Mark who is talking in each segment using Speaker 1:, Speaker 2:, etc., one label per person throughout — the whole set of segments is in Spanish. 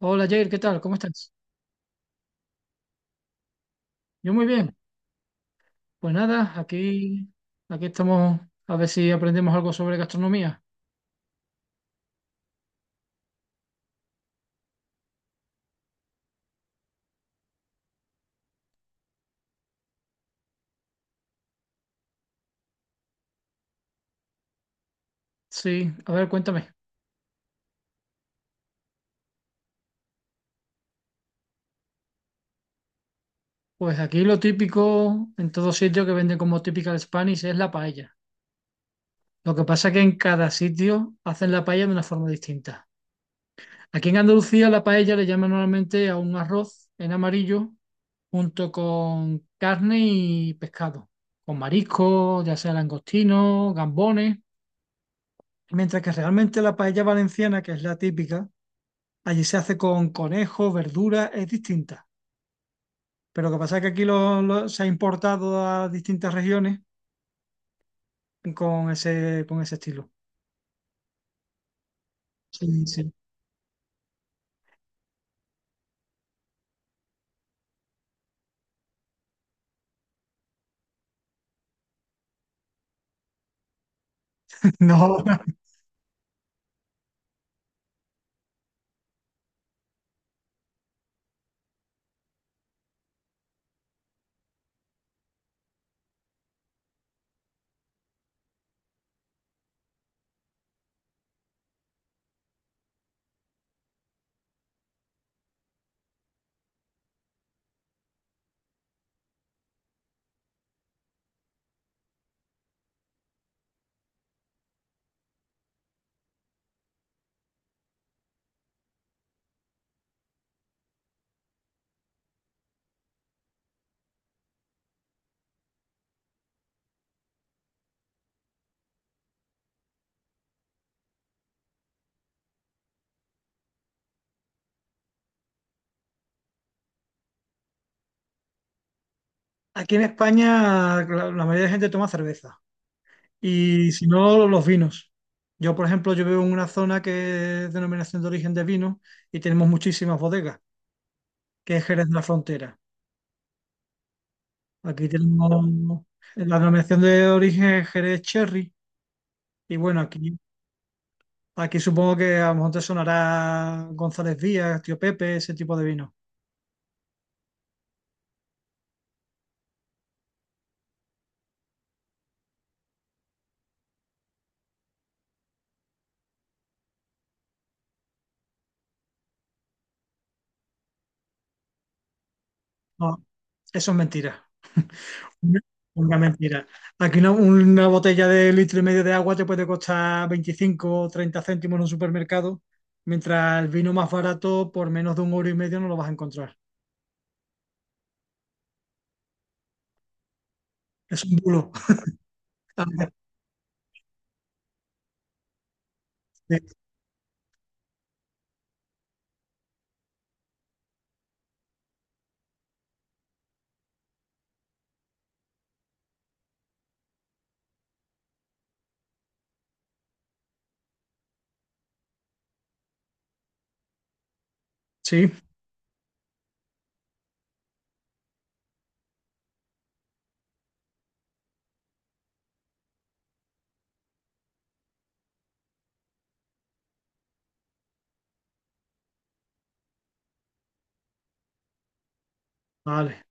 Speaker 1: Hola Jair, ¿qué tal? ¿Cómo estás? Yo muy bien. Pues nada, aquí estamos a ver si aprendemos algo sobre gastronomía. Sí, a ver, cuéntame. Pues aquí lo típico en todo sitio que venden como typical Spanish es la paella. Lo que pasa es que en cada sitio hacen la paella de una forma distinta. Aquí en Andalucía la paella le llaman normalmente a un arroz en amarillo, junto con carne y pescado, con marisco, ya sea langostino, gambones. Mientras que realmente la paella valenciana, que es la típica, allí se hace con conejo, verdura, es distinta. Pero lo que pasa es que aquí se ha importado a distintas regiones con ese estilo. Sí, sí. No, aquí en España la mayoría de gente toma cerveza y si no, los vinos. Yo, por ejemplo, yo vivo en una zona que es denominación de origen de vino y tenemos muchísimas bodegas, que es Jerez de la Frontera. Aquí tenemos, la denominación de origen es Jerez Cherry. Y bueno, aquí supongo que a lo mejor te sonará González Díaz, Tío Pepe, ese tipo de vino. No, eso es mentira. Una una mentira. Aquí una botella de litro y medio de agua te puede costar 25 o 30 céntimos en un supermercado, mientras el vino más barato por menos de un euro y medio no lo vas a encontrar. Es un bulo. Ah, sí, Sí, vale.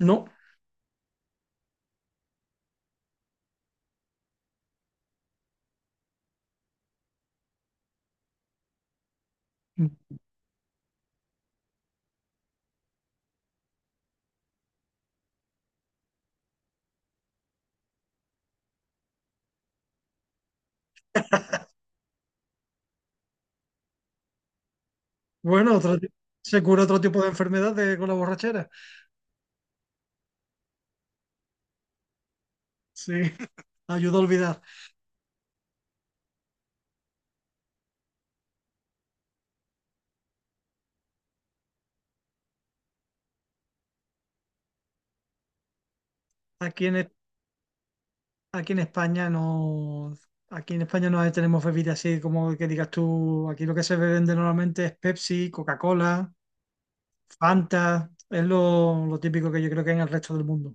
Speaker 1: No. Bueno, se cura otro tipo de enfermedades con la borrachera. Sí, ayuda a olvidar. Aquí en, Aquí en España no, aquí en España no tenemos bebidas así como que digas tú. Aquí lo que se vende normalmente es Pepsi, Coca-Cola, Fanta, es lo típico que yo creo que hay en el resto del mundo.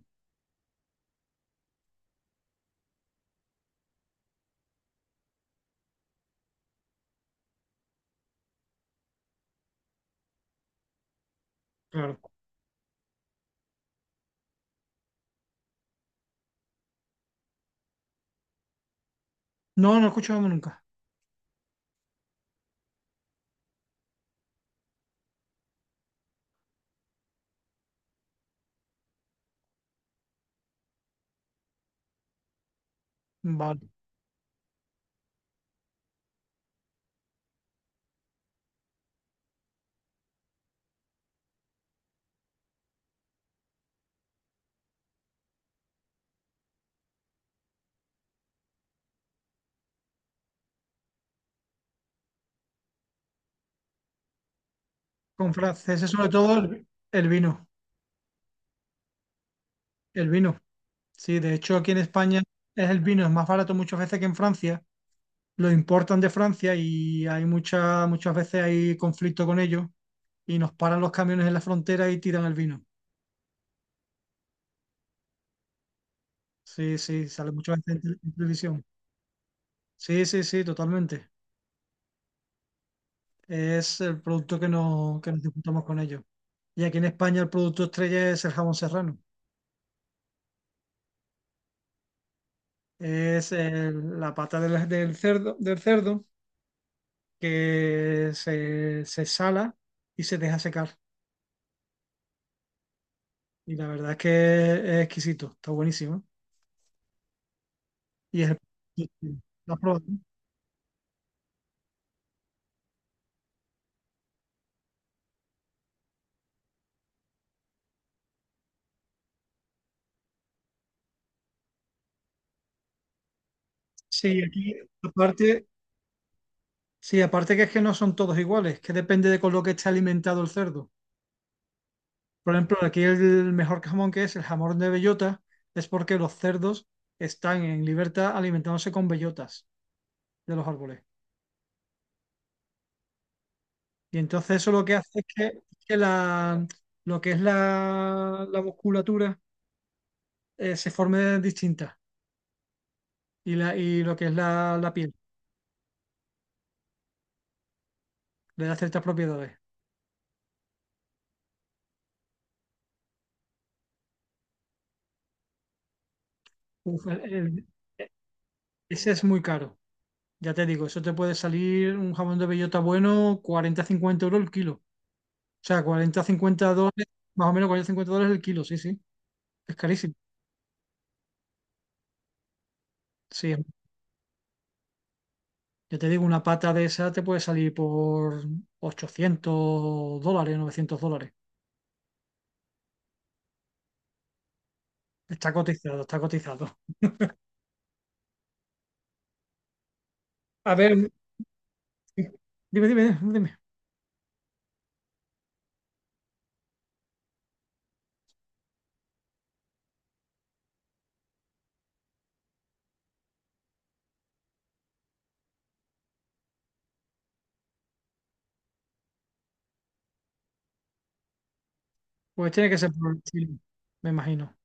Speaker 1: Claro. No, no escuchamos nunca. Vale. Con franceses sobre todo el vino, el vino. Sí, de hecho aquí en España es el vino, es más barato muchas veces que en Francia. Lo importan de Francia y hay muchas muchas veces hay conflicto con ellos y nos paran los camiones en la frontera y tiran el vino. Sí, sí, sale muchas veces en televisión. Sí, sí, sí, totalmente. Es el producto que, no, que nos disputamos con ellos. Y aquí en España el producto estrella es el jamón serrano. La pata del cerdo, del cerdo, que se sala y se deja secar. Y la verdad es que es exquisito, está buenísimo. Y es el- ¿Lo has probado? Sí, aquí, aparte, sí, aparte que es que no son todos iguales, que depende de con lo que esté alimentado el cerdo. Por ejemplo, aquí el mejor jamón, que es el jamón de bellota, es porque los cerdos están en libertad alimentándose con bellotas de los árboles. Y entonces eso, lo que hace es que, que la, lo que es la musculatura, se forme distinta, y la, y lo que es la piel, le da ciertas propiedades. Uf, ese es muy caro. Ya te digo, eso te puede salir un jamón de bellota bueno 40-50 euros el kilo. O sea, 40-50 dólares, más o menos 40-50 dólares el kilo, sí, sí. Es carísimo. Sí, ya te digo, una pata de esa te puede salir por 800 dólares, 900 dólares. Está cotizado, está cotizado. A ver, dime, dime, dime. Pues tiene que ser por el estilo, me imagino.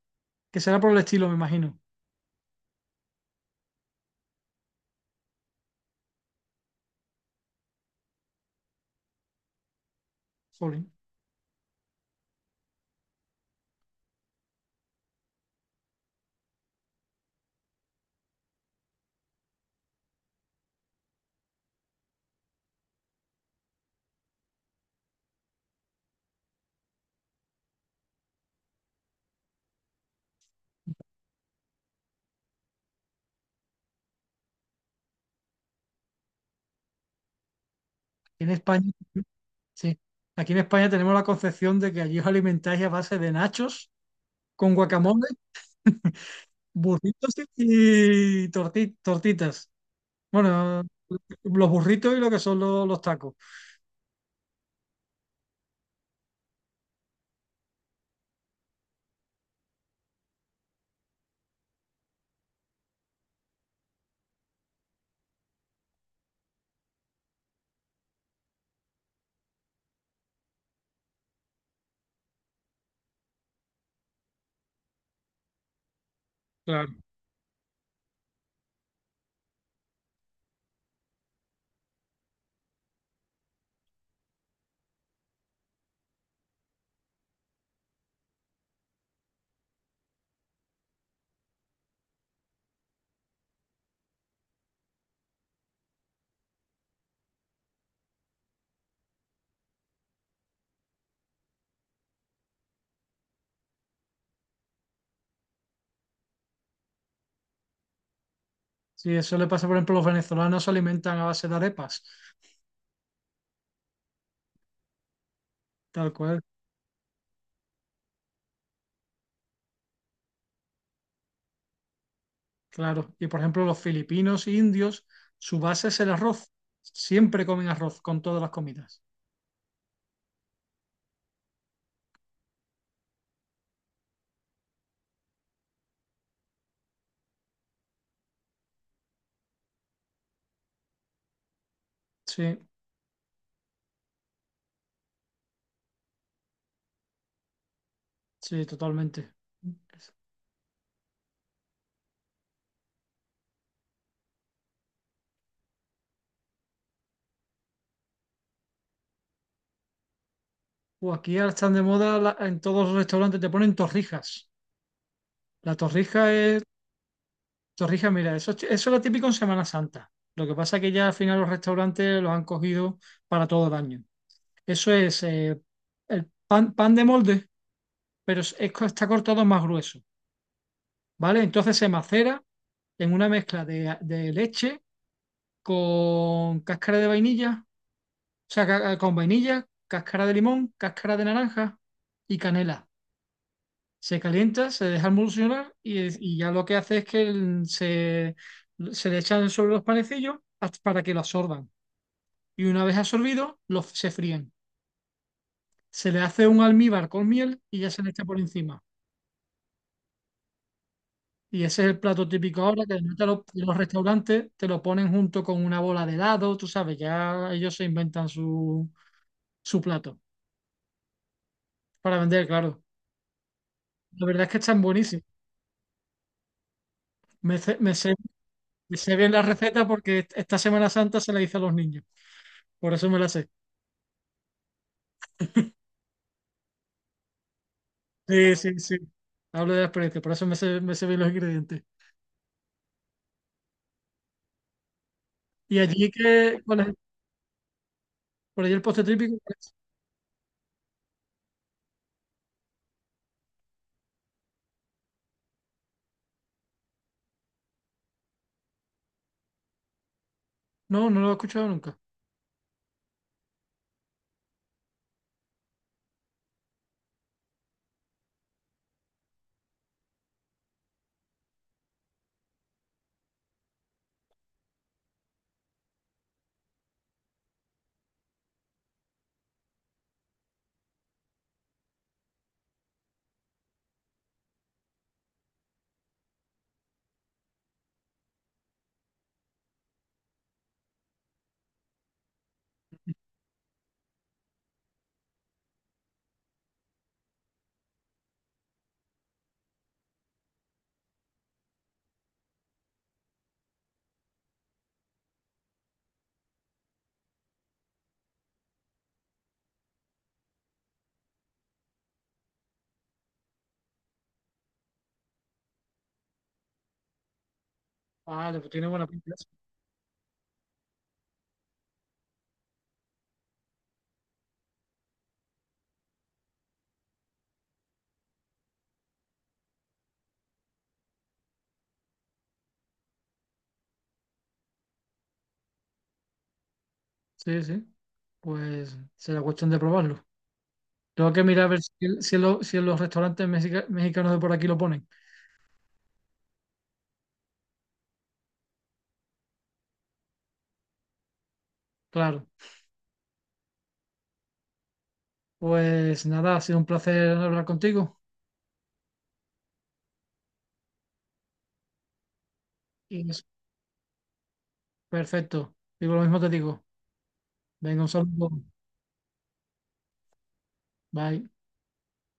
Speaker 1: Que será por el estilo, me imagino. Jolín. Aquí en España, sí. Aquí en España tenemos la concepción de que allí os alimentáis a base de nachos con guacamole, burritos y tortitas. Bueno, los burritos y lo que son los tacos. Claro. Sí, eso le pasa, por ejemplo, los venezolanos se alimentan a base de arepas, tal cual, claro. Y por ejemplo, los filipinos e indios, su base es el arroz. Siempre comen arroz con todas las comidas. Sí, sí, totalmente. O aquí ahora están de moda en todos los restaurantes te ponen torrijas. La torrija, mira, eso, eso era típico en Semana Santa. Lo que pasa es que ya al final los restaurantes los han cogido para todo el año. Eso es, el pan, pan de molde, pero está cortado más grueso, ¿vale? Entonces se macera en una mezcla de leche con cáscara de vainilla, o sea, con vainilla, cáscara de limón, cáscara de naranja y canela. Se calienta, se deja emulsionar y ya lo que hace es que se le echan sobre los panecillos, para que lo absorban. Y una vez absorbido, se fríen. Se le hace un almíbar con miel y ya se le echa por encima. Y ese es el plato típico ahora, que no te lo- los restaurantes te lo ponen junto con una bola de helado, tú sabes, ya ellos se inventan su, plato para vender, claro. La verdad es que están buenísimos. Me, sé- me, sé, me sé bien la receta porque esta Semana Santa se la hice a los niños, por eso me la sé. Sí, sí, sí. Hablo de la experiencia, por eso me sé bien los ingredientes. ¿Y allí que cuál es? ¿Por allí el postre típico cuál es? No, no lo he escuchado nunca. Vale, pues tiene buena pinta eso. Sí, sí. Pues será cuestión de probarlo. Tengo que mirar a ver si en los restaurantes mexicanos de por aquí lo ponen. Claro. Pues nada, ha sido un placer hablar contigo. Y es perfecto. Digo, lo mismo te digo. Venga, un saludo. Bye.